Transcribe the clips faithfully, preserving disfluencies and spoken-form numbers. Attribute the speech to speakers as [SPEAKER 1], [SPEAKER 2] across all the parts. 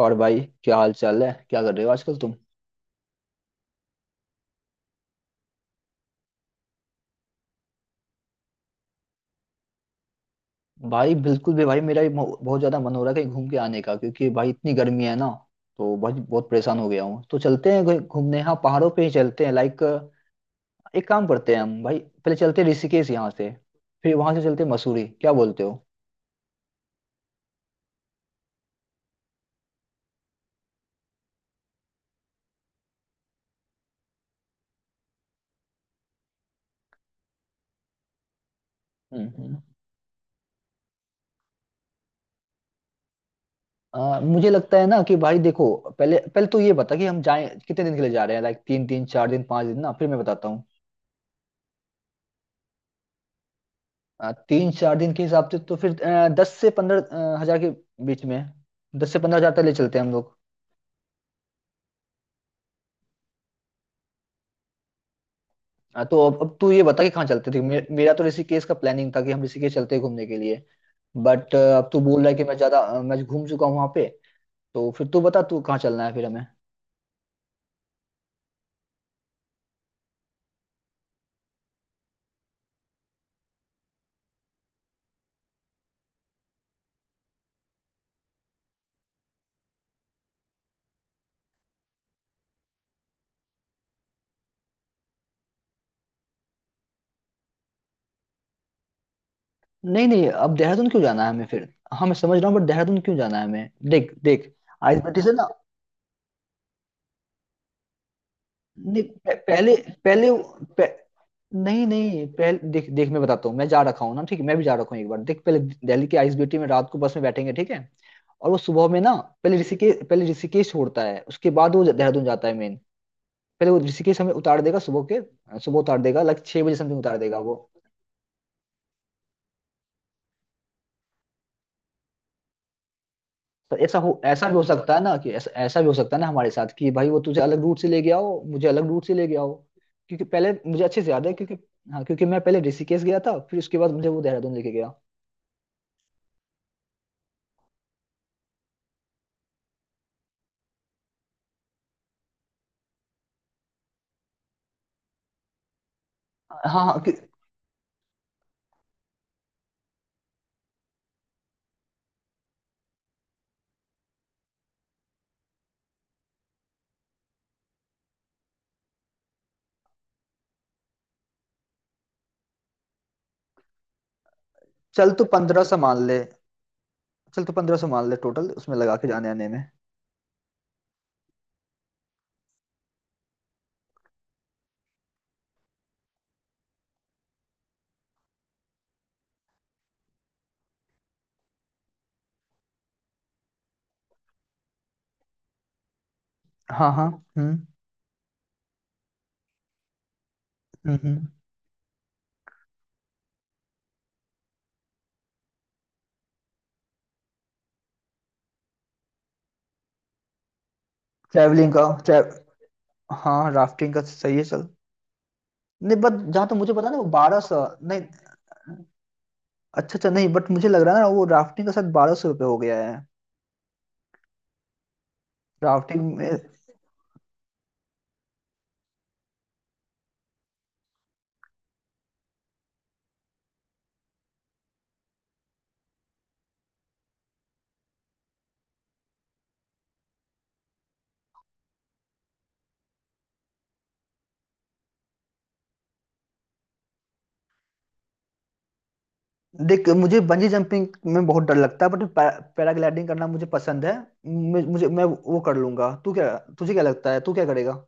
[SPEAKER 1] और भाई, क्या हाल चाल है? क्या कर रहे हो आजकल तुम? भाई बिल्कुल भी भाई मेरा भी मो- बहुत ज्यादा मन हो रहा है कहीं घूम के आने का, क्योंकि भाई इतनी गर्मी है ना। तो भाई बहुत परेशान हो गया हूँ। तो चलते हैं कहीं घूमने। हाँ, पहाड़ों पे ही चलते हैं। लाइक एक काम करते हैं हम भाई, पहले चलते हैं ऋषिकेश यहाँ से, फिर वहां से चलते हैं मसूरी। क्या बोलते हो? हम्म हम्म। आ, मुझे लगता है ना कि भाई देखो, पहले पहले तो ये बता कि हम जाए कितने दिन के लिए जा रहे हैं। लाइक तीन दिन, चार दिन, पांच दिन ना, फिर मैं बताता हूँ। आ, तीन चार दिन के हिसाब से तो फिर आ, दस से पंद्रह आ, हजार के बीच में, दस से पंद्रह हजार तक ले चलते हैं हम लोग। आ, तो अब अब तू ये बता कि कहाँ चलते थे। मे, मेरा तो ऋषिकेश का प्लानिंग था कि हम ऋषिकेश चलते हैं घूमने के लिए, बट अब तू बोल रहा है कि मैं ज्यादा आ, मैं घूम चुका हूँ वहां पे। तो फिर तू बता तू कहाँ चलना है फिर हमें। नहीं नहीं, अब देहरादून क्यों जाना है हमें फिर? हाँ मैं समझ रहा हूँ, बट देहरादून क्यों जाना है हमें? देख देख। आइस पट्टी से ना। नहीं, पह- पहले। पहले। नहीं नहीं, पहले देख देख मैं बताता हूँ। मैं जा रखा हूँ ना, ठीक है। मैं भी जा रखा हूँ एक बार। देख, पहले दिल्ली के आइस ब्यूटी में रात को बस में बैठेंगे, ठीक है। और वो सुबह में ना, पहले ऋषिकेश, पहले ऋषिकेश छोड़ता है, उसके बाद वो देहरादून जाता है मेन। पहले वो ऋषिकेश हमें उतार देगा सुबह के, सुबह उतार देगा लाइक छह बजे समथिंग उतार देगा वो। तो ऐसा हो, ऐसा भी हो सकता है ना, कि ऐसा ऐसा भी हो सकता है ना हमारे साथ, कि भाई वो तुझे अलग रूट से ले गया हो, मुझे अलग रूट से ले गया हो। क्योंकि पहले मुझे अच्छे से याद है, क्योंकि, हाँ क्योंकि मैं पहले ऋषिकेश गया था फिर उसके बाद मुझे वो देहरादून लेके गया। हाँ हाँ, कि- चल तू पंद्रह सौ मान ले। चल तो पंद्रह सौ मान ले टोटल, उसमें लगा के जाने आने में। हाँ हाँ। हम्म हम्म। ट्रैवलिंग का ट्रै हाँ राफ्टिंग का, सही है चल। नहीं बट जहाँ तो मुझे पता ना वो बारह सौ। नहीं, अच्छा अच्छा, नहीं बट मुझे लग रहा है ना वो राफ्टिंग का शायद बारह सौ रुपये हो गया है। राफ्टिंग में। देख मुझे बंजी जंपिंग में बहुत डर लगता है, बट पैराग्लाइडिंग करना मुझे पसंद है। मुझे, मुझे, मैं वो कर लूंगा। तू क्या, तुझे क्या लगता है, तू क्या करेगा?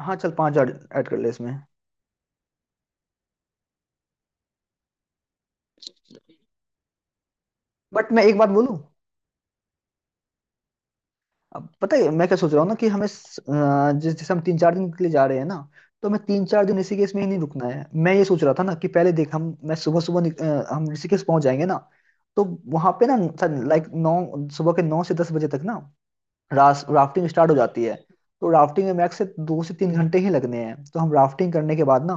[SPEAKER 1] हाँ चल, पाँच हजार ऐड कर ले इसमें। बट मैं एक बात बोलूँ? अब पता है मैं क्या सोच रहा हूँ ना, कि हमें स- अ, जिस जैसे हम तीन चार दिन के लिए जा रहे हैं ना, तो हमें तीन चार दिन ऋषिकेश में ही नहीं रुकना है। मैं ये सोच रहा था ना, कि पहले देख, हम मैं सुबह सुबह निक- अ, हम ऋषिकेश पहुंच जाएंगे ना। तो वहां पे ना, लाइक नौ, सुबह के नौ से दस बजे तक ना, रास राफ्टिंग स्टार्ट हो जाती है। तो राफ्टिंग में मैक्स से दो से तीन घंटे ही लगने हैं। तो हम राफ्टिंग करने के बाद ना,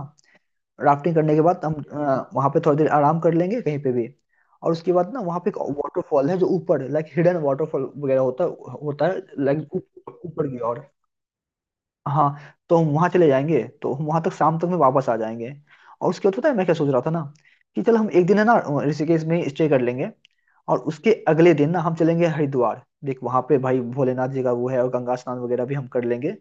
[SPEAKER 1] राफ्टिंग करने के बाद हम वहां पे थोड़ी देर आराम कर लेंगे कहीं पे भी। और उसके बाद ना वहां पे एक वाटरफॉल है जो ऊपर लाइक हिडन वाटरफॉल वगैरह होता होता है, लाइक ऊपर की ओर। हाँ, तो हम वहां चले जाएंगे, तो हम वहां तक शाम तक में वापस आ जाएंगे। और उसके बाद पता है मैं क्या सोच रहा था ना, कि चल हम एक दिन है ना, ऋषिकेश में स्टे कर लेंगे। और उसके अगले दिन ना हम चलेंगे हरिद्वार। देख वहां पे भाई भोलेनाथ जी का वो है, और गंगा स्नान वगैरह भी हम कर लेंगे।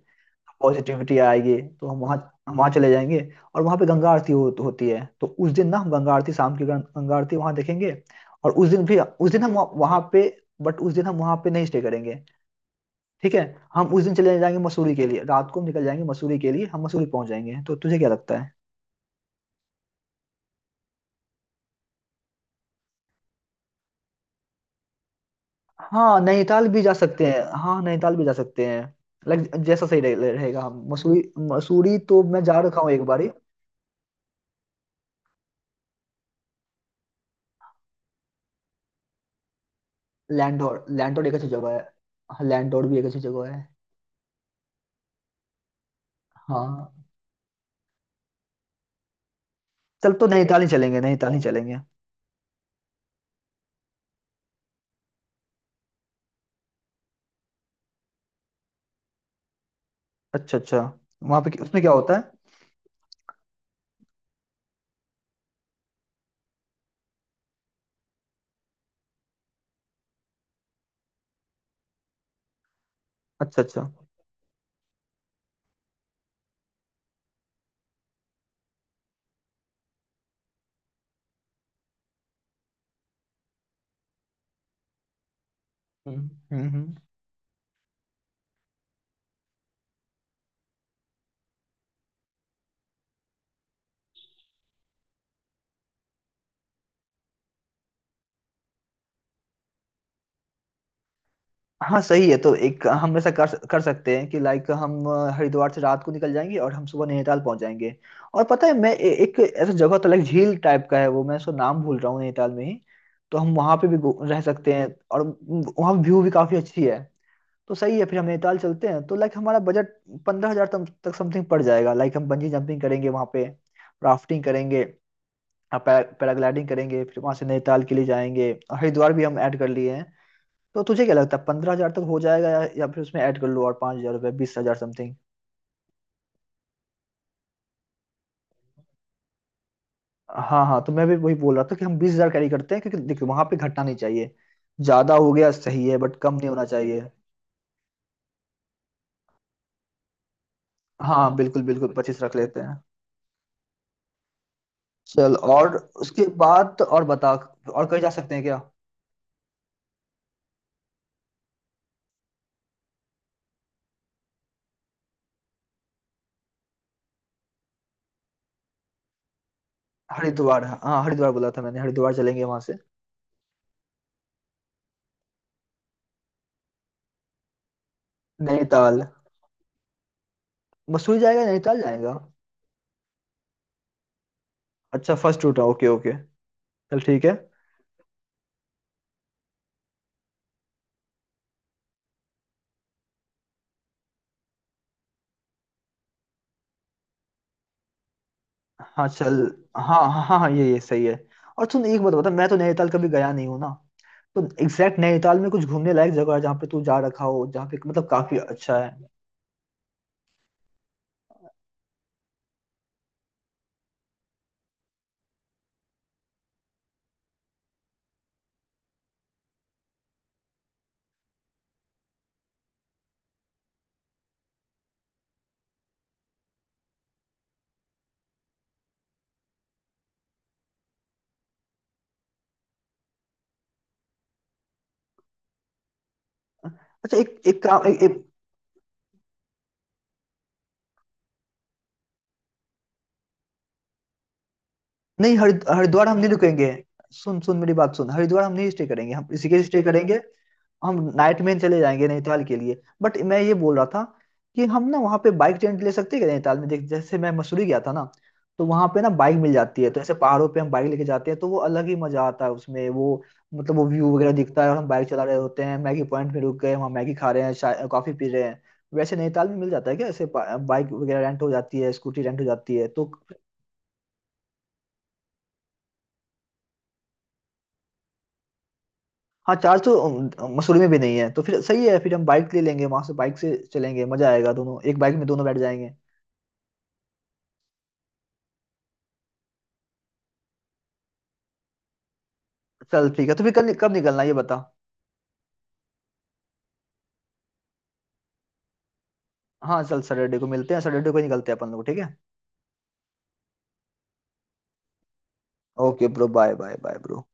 [SPEAKER 1] पॉजिटिविटी आएगी, तो हम वहाँ, हम वहाँ चले जाएंगे। और वहाँ पे गंगा आरती हो, होती है। तो उस दिन ना हम गंगा आरती शाम की गं- गंगा आरती वहाँ देखेंगे। और उस दिन भी, उस दिन हम वहाँ वहाँ पे। बट उस दिन हम वहाँ पे नहीं स्टे करेंगे, ठीक है। हम उस दिन चले जाएंगे मसूरी के लिए। रात को हम निकल जाएंगे मसूरी के लिए, हम मसूरी पहुंच जाएंगे। तो तुझे क्या लगता है? हाँ नैनीताल भी जा सकते हैं, हाँ नैनीताल भी जा सकते हैं। लाइक जैसा सही रहे, रहेगा, हम मसूरी। मसूरी तो मैं जा रखा हूँ एक बारी। लैंडोर, लैंडोर एक अच्छी जगह है, लैंडोर भी एक अच्छी जगह है। हाँ चल, तो नैनीताल ही चलेंगे, नैनीताल ही चलेंगे। अच्छा अच्छा, वहां पे उसमें क्या होता है? अच्छा अच्छा। हम्म हम्म हम्म। हाँ सही है। तो एक हम ऐसा कर कर सकते हैं कि लाइक हम अ, हरिद्वार से रात को निकल जाएंगे और हम सुबह नैनीताल पहुंच जाएंगे। और पता है मैं ए, एक ऐसा जगह तो लाइक झील टाइप का है वो, मैं उसका नाम भूल रहा हूँ, नैनीताल में ही। तो हम वहां पे भी घू- रह सकते हैं। और वहाँ व्यू भी काफी अच्छी है। तो सही है, फिर हम नैनीताल चलते हैं। तो लाइक हमारा बजट पंद्रह हजार तक समथिंग पड़ जाएगा। लाइक हम बंजी जंपिंग करेंगे वहां पे, राफ्टिंग करेंगे, आप पैरा पैराग्लाइडिंग करेंगे, फिर वहां से नैनीताल के लिए जाएंगे, और हरिद्वार भी हम ऐड कर लिए हैं। तो तुझे क्या लगता है पंद्रह हजार तक हो जाएगा, या, या फिर उसमें ऐड कर लो और पाँच हजार रुपये, बीस हजार समथिंग? हाँ हाँ, तो मैं भी वही बोल रहा था कि हम बीस हजार कैरी करते हैं, क्योंकि देखो वहां पे घटना नहीं चाहिए। ज्यादा हो गया सही है, बट कम नहीं होना चाहिए। हाँ बिल्कुल बिल्कुल, पच्चीस रख लेते हैं। चल और उसके बाद तो और बता, और कहीं जा सकते हैं क्या? हरिद्वार, हाँ हरिद्वार बोला था मैंने, हरिद्वार चलेंगे वहां से। नैनीताल। मसूरी जाएगा, नैनीताल जाएगा। अच्छा फर्स्ट रूट है, ओके ओके चल ठीक है। हाँ चल। हाँ हाँ हाँ हाँ, ये ये सही है। और सुन एक बात बता, मैं तो नैनीताल कभी गया नहीं हूँ ना। तो एग्जैक्ट नैनीताल में कुछ घूमने लायक जगह है जहाँ पे तू जा रखा हो, जहाँ पे मतलब काफी अच्छा है? अच्छा एक एक काम एक, एक। नहीं हरि हरिद्वार हम नहीं रुकेंगे। सुन सुन मेरी बात सुन, हरिद्वार हम नहीं स्टे करेंगे, हम ऋषिकेश स्टे करेंगे। हम नाइट में चले जाएंगे नैनीताल के लिए। बट मैं ये बोल रहा था कि हम ना वहाँ पे बाइक रेंट ले सकते हैं क्या नैनीताल में? देख जैसे मैं मसूरी गया था ना, तो वहाँ पे ना बाइक मिल जाती है। तो ऐसे पहाड़ों पे हम बाइक लेके जाते हैं तो वो अलग ही मजा आता है उसमें वो, मतलब वो व्यू वगैरह दिखता है और हम बाइक चला रहे होते हैं, मैगी पॉइंट में रुक गए वहाँ, मैगी खा रहे हैं, चाय कॉफी पी रहे हैं। वैसे नैनीताल में मिल जाता है क्या ऐसे पा- बाइक वगैरह रेंट हो जाती है, स्कूटी रेंट हो जाती है तो? हाँ चार्ज तो अम, मसूरी में भी नहीं है। तो फिर सही है, फिर हम बाइक ले लेंगे वहां से, बाइक से चलेंगे मजा आएगा, दोनों एक बाइक में दोनों बैठ जाएंगे। चल ठीक है, तो फिर कल कब निकलना है ये बता। हाँ चल, सैटरडे को मिलते हैं, सैटरडे को ही निकलते हैं अपन लोग ठीक है। Okay bro bye bye bye bro.